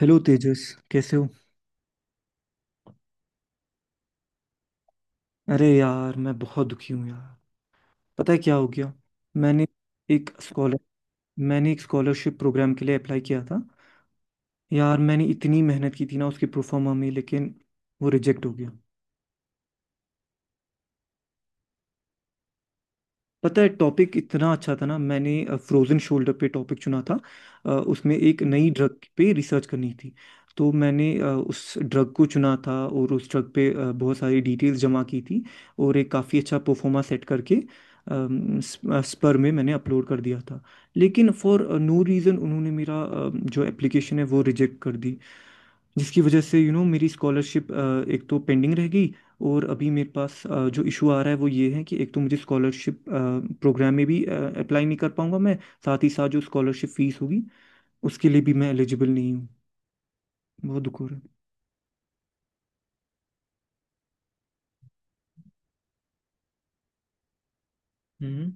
Hello Tejas. कैसे हो? अरे यार, मैं बहुत दुखी हूँ यार। पता है क्या हो गया? मैंने एक स्कॉलर मैंने एक स्कॉलरशिप प्रोग्राम के लिए अप्लाई किया था। यार, मैंने इतनी मेहनत की थी ना उसके प्रोफार्मा में, लेकिन वो रिजेक्ट हो गया। पता है टॉपिक इतना अच्छा था ना, मैंने फ्रोजन शोल्डर पे टॉपिक चुना था। उसमें एक नई ड्रग पे रिसर्च करनी थी। तो मैंने उस ड्रग को चुना था और उस ड्रग पे बहुत सारी डिटेल्स जमा की थी। और एक काफ़ी अच्छा परफॉर्मा सेट करके स्पर में मैंने अपलोड कर दिया था। लेकिन फॉर नो रीज़न उन्होंने मेरा जो एप्लीकेशन है वो रिजेक्ट कर दी। जिसकी वजह से यू you नो know, मेरी स्कॉलरशिप एक तो पेंडिंग रह गई। और अभी मेरे पास जो इशू आ रहा है वो ये है कि एक तो मुझे स्कॉलरशिप प्रोग्राम में भी अप्लाई नहीं कर पाऊंगा मैं। साथ ही साथ जो स्कॉलरशिप फीस होगी उसके लिए भी मैं एलिजिबल नहीं हूँ। बहुत दुख हो रहा है। हम्म।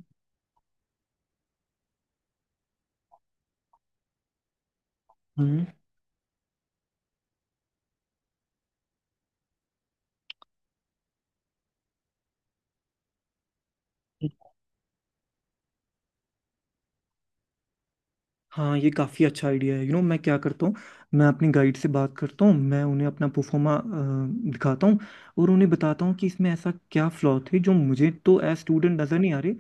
हम्म। हाँ, ये काफ़ी अच्छा आइडिया है। यू नो, मैं क्या करता हूँ, मैं अपनी गाइड से बात करता हूँ, मैं उन्हें अपना प्रोफोमा दिखाता हूँ। और उन्हें बताता हूँ कि इसमें ऐसा क्या फ्लॉ थे जो मुझे तो एज स्टूडेंट नज़र नहीं आ रहे।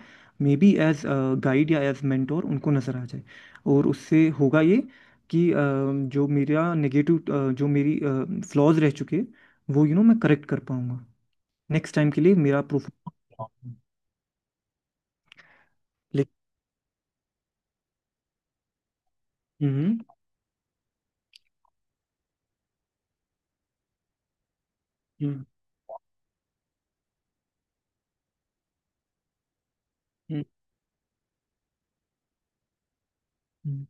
मे बी एज गाइड या एज मेंटोर उनको नज़र आ जाए। और उससे होगा ये कि जो मेरा नेगेटिव जो मेरी फ्लॉज रह चुके वो मैं करेक्ट कर पाऊँगा नेक्स्ट टाइम के लिए मेरा प्रोफोमा। लेकिन। हम्म। हम्म। हम्म। हम्म।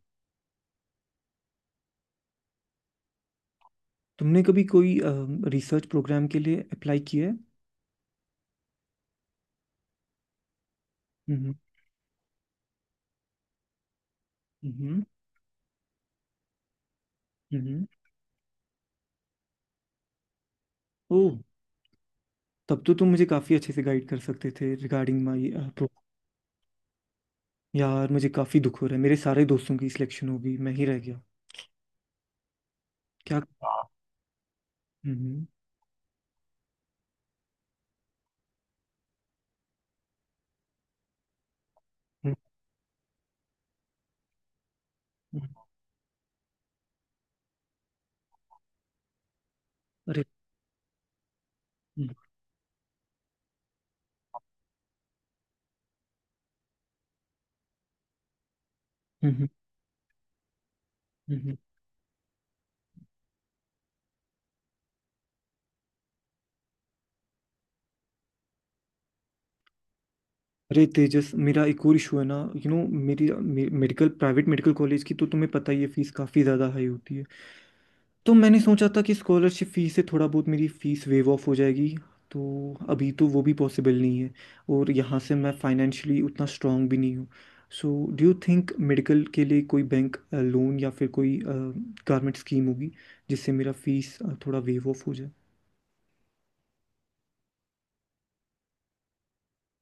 तुमने कभी कोई रिसर्च प्रोग्राम के लिए अप्लाई किया है? हम्म। हम्म। हम्म। ओह। तब तो तुम मुझे काफ़ी अच्छे से गाइड कर सकते थे रिगार्डिंग माय प्रोग्राम। यार, मुझे काफ़ी दुख हो रहा है, मेरे सारे दोस्तों की सिलेक्शन हो गई, मैं ही रह गया। क्या? हम्म। हम्म। हम्म। अरे। हम्म। हम्म। हम्म। अरे तेजस, मेरा एक और इशू है ना। यू नो, मेरी मे, मेडिकल प्राइवेट मेडिकल कॉलेज की तो तुम्हें पता ही है, फीस काफ़ी ज़्यादा हाई होती है। तो मैंने सोचा था कि स्कॉलरशिप फीस से थोड़ा बहुत मेरी फीस वेव ऑफ हो जाएगी। तो अभी तो वो भी पॉसिबल नहीं है। और यहाँ से मैं फाइनेंशियली उतना स्ट्रांग भी नहीं हूँ। So, do you think medical के लिए कोई बैंक लोन या फिर कोई गवर्नमेंट स्कीम होगी जिससे मेरा फीस थोड़ा वेव ऑफ हो जाए?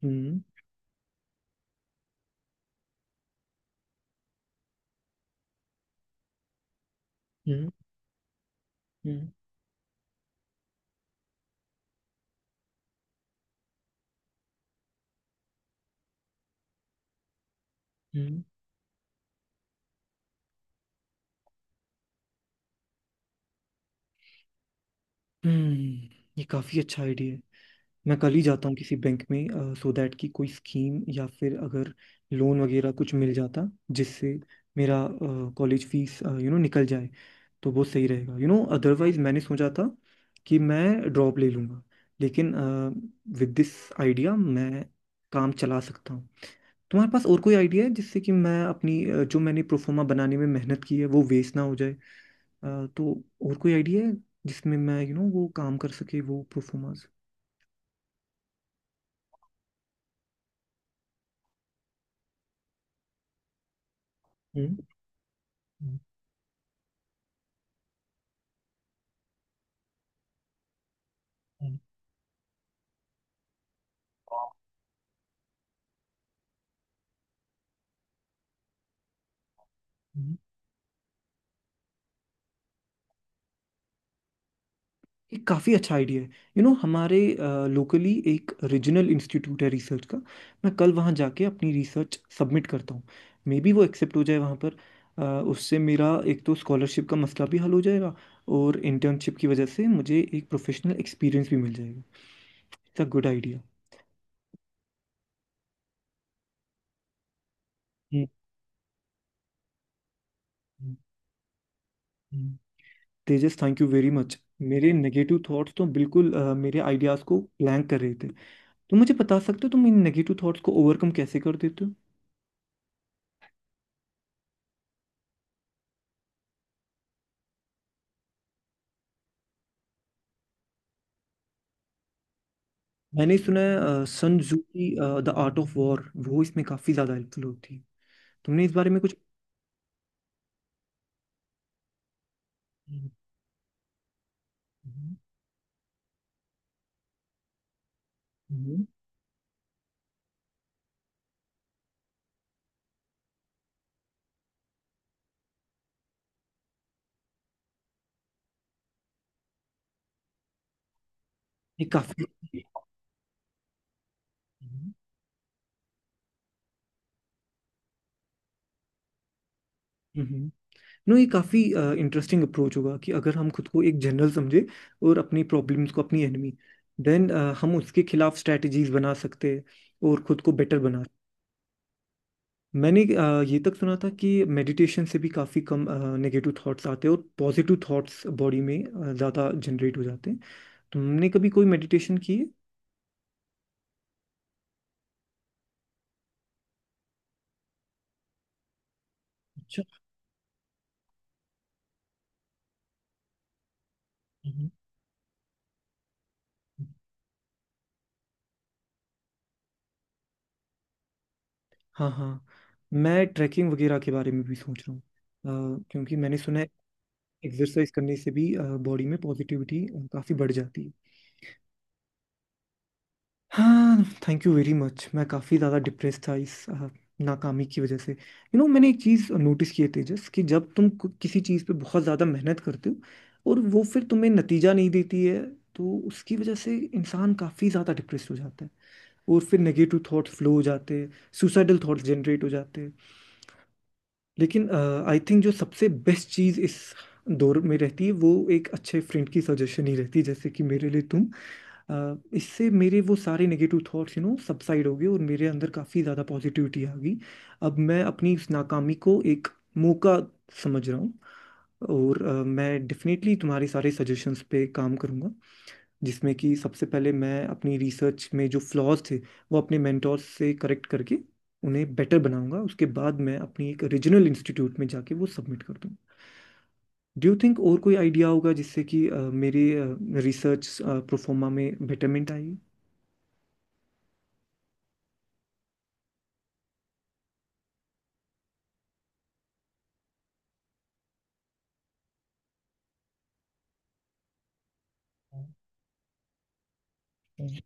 हम्म। हम्म। हम्म। हम्म। हम्म। ये काफ़ी अच्छा आइडिया है। मैं कल ही जाता हूँ किसी बैंक में सो दैट कि कोई स्कीम या फिर अगर लोन वगैरह कुछ मिल जाता जिससे मेरा कॉलेज फीस निकल जाए, तो वो सही रहेगा। अदरवाइज मैंने सोचा था कि मैं ड्रॉप ले लूँगा, लेकिन विद दिस आइडिया मैं काम चला सकता हूँ। तुम्हारे पास और कोई आइडिया है जिससे कि मैं अपनी जो मैंने प्रोफोमा बनाने में मेहनत की है वो वेस्ट ना हो जाए? तो और कोई आइडिया है जिसमें मैं वो काम कर सके वो प्रोफोमास? हम्म। हम्म। हम्म। ये काफ़ी अच्छा आइडिया है। हमारे लोकली एक रीजनल इंस्टीट्यूट है रिसर्च का। मैं कल वहाँ जाके अपनी रिसर्च सबमिट करता हूँ। मे बी वो एक्सेप्ट हो जाए वहाँ पर। अ, उससे मेरा एक तो स्कॉलरशिप का मसला भी हल हो जाएगा और इंटर्नशिप की वजह से मुझे एक प्रोफेशनल एक्सपीरियंस भी मिल जाएगा। It's a good idea. Hmm. Hmm. Hmm. Tejas, thank you very much. मेरे नेगेटिव थॉट्स तो बिल्कुल मेरे आइडियाज़ को ब्लैंक कर रहे थे। तो मुझे बता सकते हो तुम इन नेगेटिव थॉट्स को ओवरकम कैसे कर देते हो? मैंने सुना है सन जू की द आर्ट ऑफ वॉर वो इसमें काफी ज्यादा हेल्पफुल होती है। तुमने इस बारे में कुछ? हम्म। हम्म। ये काफी। हम्म। नो, ये काफी इंटरेस्टिंग अप्रोच होगा कि अगर हम खुद को एक जनरल समझे और अपनी प्रॉब्लम्स को अपनी एनिमी, देन हम उसके खिलाफ स्ट्रेटजीज बना सकते हैं और खुद को बेटर बना। मैंने ये तक सुना था कि मेडिटेशन से भी काफ़ी कम नेगेटिव थॉट्स आते हैं और पॉजिटिव थॉट्स बॉडी में ज़्यादा जनरेट हो जाते हैं। तुमने कभी कोई मेडिटेशन की है? अच्छा। हम्म। हाँ, हाँ। मैं ट्रैकिंग वगैरह के बारे में भी सोच रहा हूँ क्योंकि मैंने सुना है एक्सरसाइज करने से भी बॉडी में पॉजिटिविटी काफ़ी बढ़ जाती है। हाँ, थैंक यू वेरी मच। मैं काफ़ी ज़्यादा डिप्रेस था इस नाकामी की वजह से। यू you नो know, मैंने एक चीज़ नोटिस की है तेजस कि जब तुम किसी चीज़ पे बहुत ज़्यादा मेहनत करते हो और वो फिर तुम्हें नतीजा नहीं देती है तो उसकी वजह से इंसान काफ़ी ज़्यादा डिप्रेस हो जाता है। और फिर नेगेटिव थॉट्स फ्लो हो जाते हैं, सुसाइडल थॉट्स जनरेट हो जाते हैं। लेकिन आई थिंक जो सबसे बेस्ट चीज़ इस दौर में रहती है वो एक अच्छे फ्रेंड की सजेशन ही रहती है, जैसे कि मेरे लिए तुम। इससे मेरे वो सारे नेगेटिव थॉट्स सबसाइड हो गए और मेरे अंदर काफ़ी ज़्यादा पॉजिटिविटी आ गई। अब मैं अपनी इस नाकामी को एक मौका समझ रहा हूँ। और मैं डेफिनेटली तुम्हारे सारे सजेशंस पे काम करूँगा, जिसमें कि सबसे पहले मैं अपनी रिसर्च में जो फ्लॉज थे वो अपने मेंटोर्स से करेक्ट करके उन्हें बेटर बनाऊंगा। उसके बाद मैं अपनी एक रीजनल इंस्टीट्यूट में जाके वो सबमिट कर दूँ। डू यू थिंक और कोई आइडिया होगा जिससे कि मेरे रिसर्च प्रोफोमा में बेटरमेंट? आई।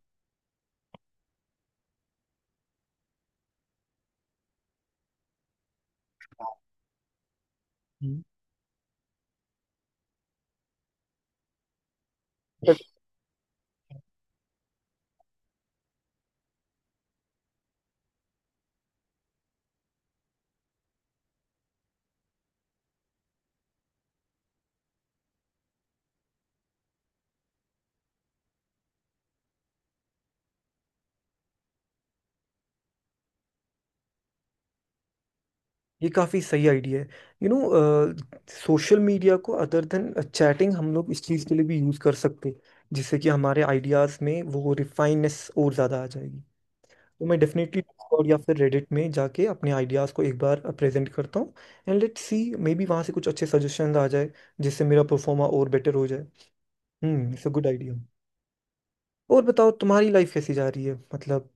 ये काफ़ी सही आइडिया है। यू नो सोशल मीडिया को अदर देन चैटिंग हम लोग इस चीज़ के लिए भी यूज़ कर सकते, जिससे कि हमारे आइडियाज़ में वो रिफाइननेस और ज़्यादा आ जाएगी। तो मैं डेफिनेटली डिस्कॉर्ड या फिर रेडिट में जाके अपने आइडियाज़ को एक बार प्रेजेंट करता हूँ। And let's see, maybe वहाँ से कुछ अच्छे सजेशन आ जाए जिससे मेरा परफॉर्मा और बेटर हो जाए। Hmm, it's a good idea. और बताओ, तुम्हारी लाइफ कैसी जा रही है? मतलब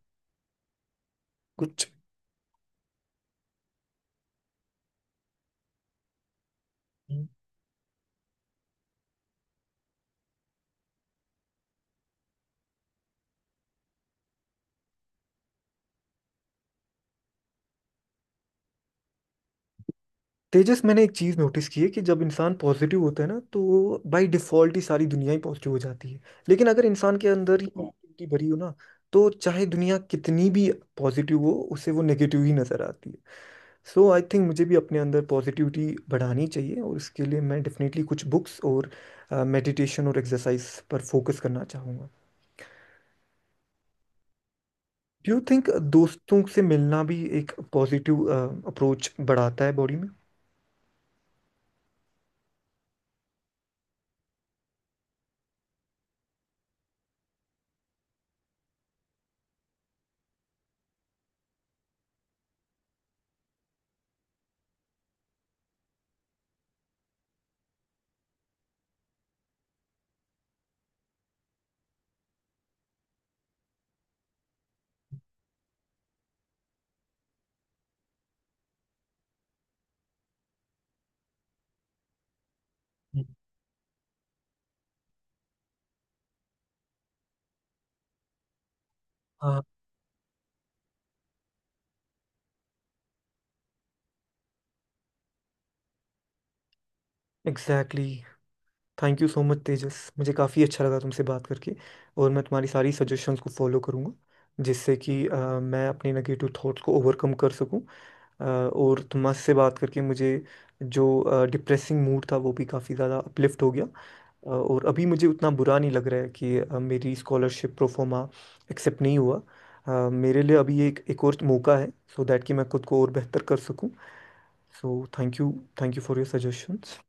कुछ? तेजस, मैंने एक चीज नोटिस की है कि जब इंसान पॉजिटिव होता है ना तो बाय डिफॉल्ट ही सारी दुनिया ही पॉजिटिव हो जाती है। लेकिन अगर इंसान के अंदर ही नेगेटिविटी भरी हो ना, तो चाहे दुनिया कितनी भी पॉजिटिव हो उसे वो नेगेटिव ही नजर आती है। सो आई थिंक मुझे भी अपने अंदर पॉजिटिविटी बढ़ानी चाहिए और इसके लिए मैं डेफिनेटली कुछ बुक्स और मेडिटेशन और एक्सरसाइज पर फोकस करना चाहूँगा। डू यू थिंक दोस्तों से मिलना भी एक पॉजिटिव अप्रोच बढ़ाता है बॉडी में? हम्म। हाँ, exactly. Thank you so much Tejas, मुझे काफ़ी अच्छा लगा तुमसे बात करके, और मैं तुम्हारी सारी सजेशंस को फॉलो करूँगा जिससे कि मैं अपने नेगेटिव थॉट्स को ओवरकम कर सकूँ। और तुमसे बात करके मुझे जो डिप्रेसिंग मूड था वो भी काफ़ी ज़्यादा अपलिफ्ट हो गया। और अभी मुझे उतना बुरा नहीं लग रहा है कि मेरी स्कॉलरशिप प्रोफोमा एक्सेप्ट नहीं हुआ। मेरे लिए अभी ये एक एक और मौका है, सो दैट कि मैं खुद को और बेहतर कर सकूँ। So, thank you. Thank you for your suggestions.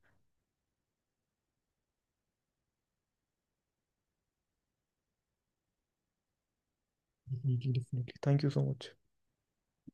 Definitely, thank you so much.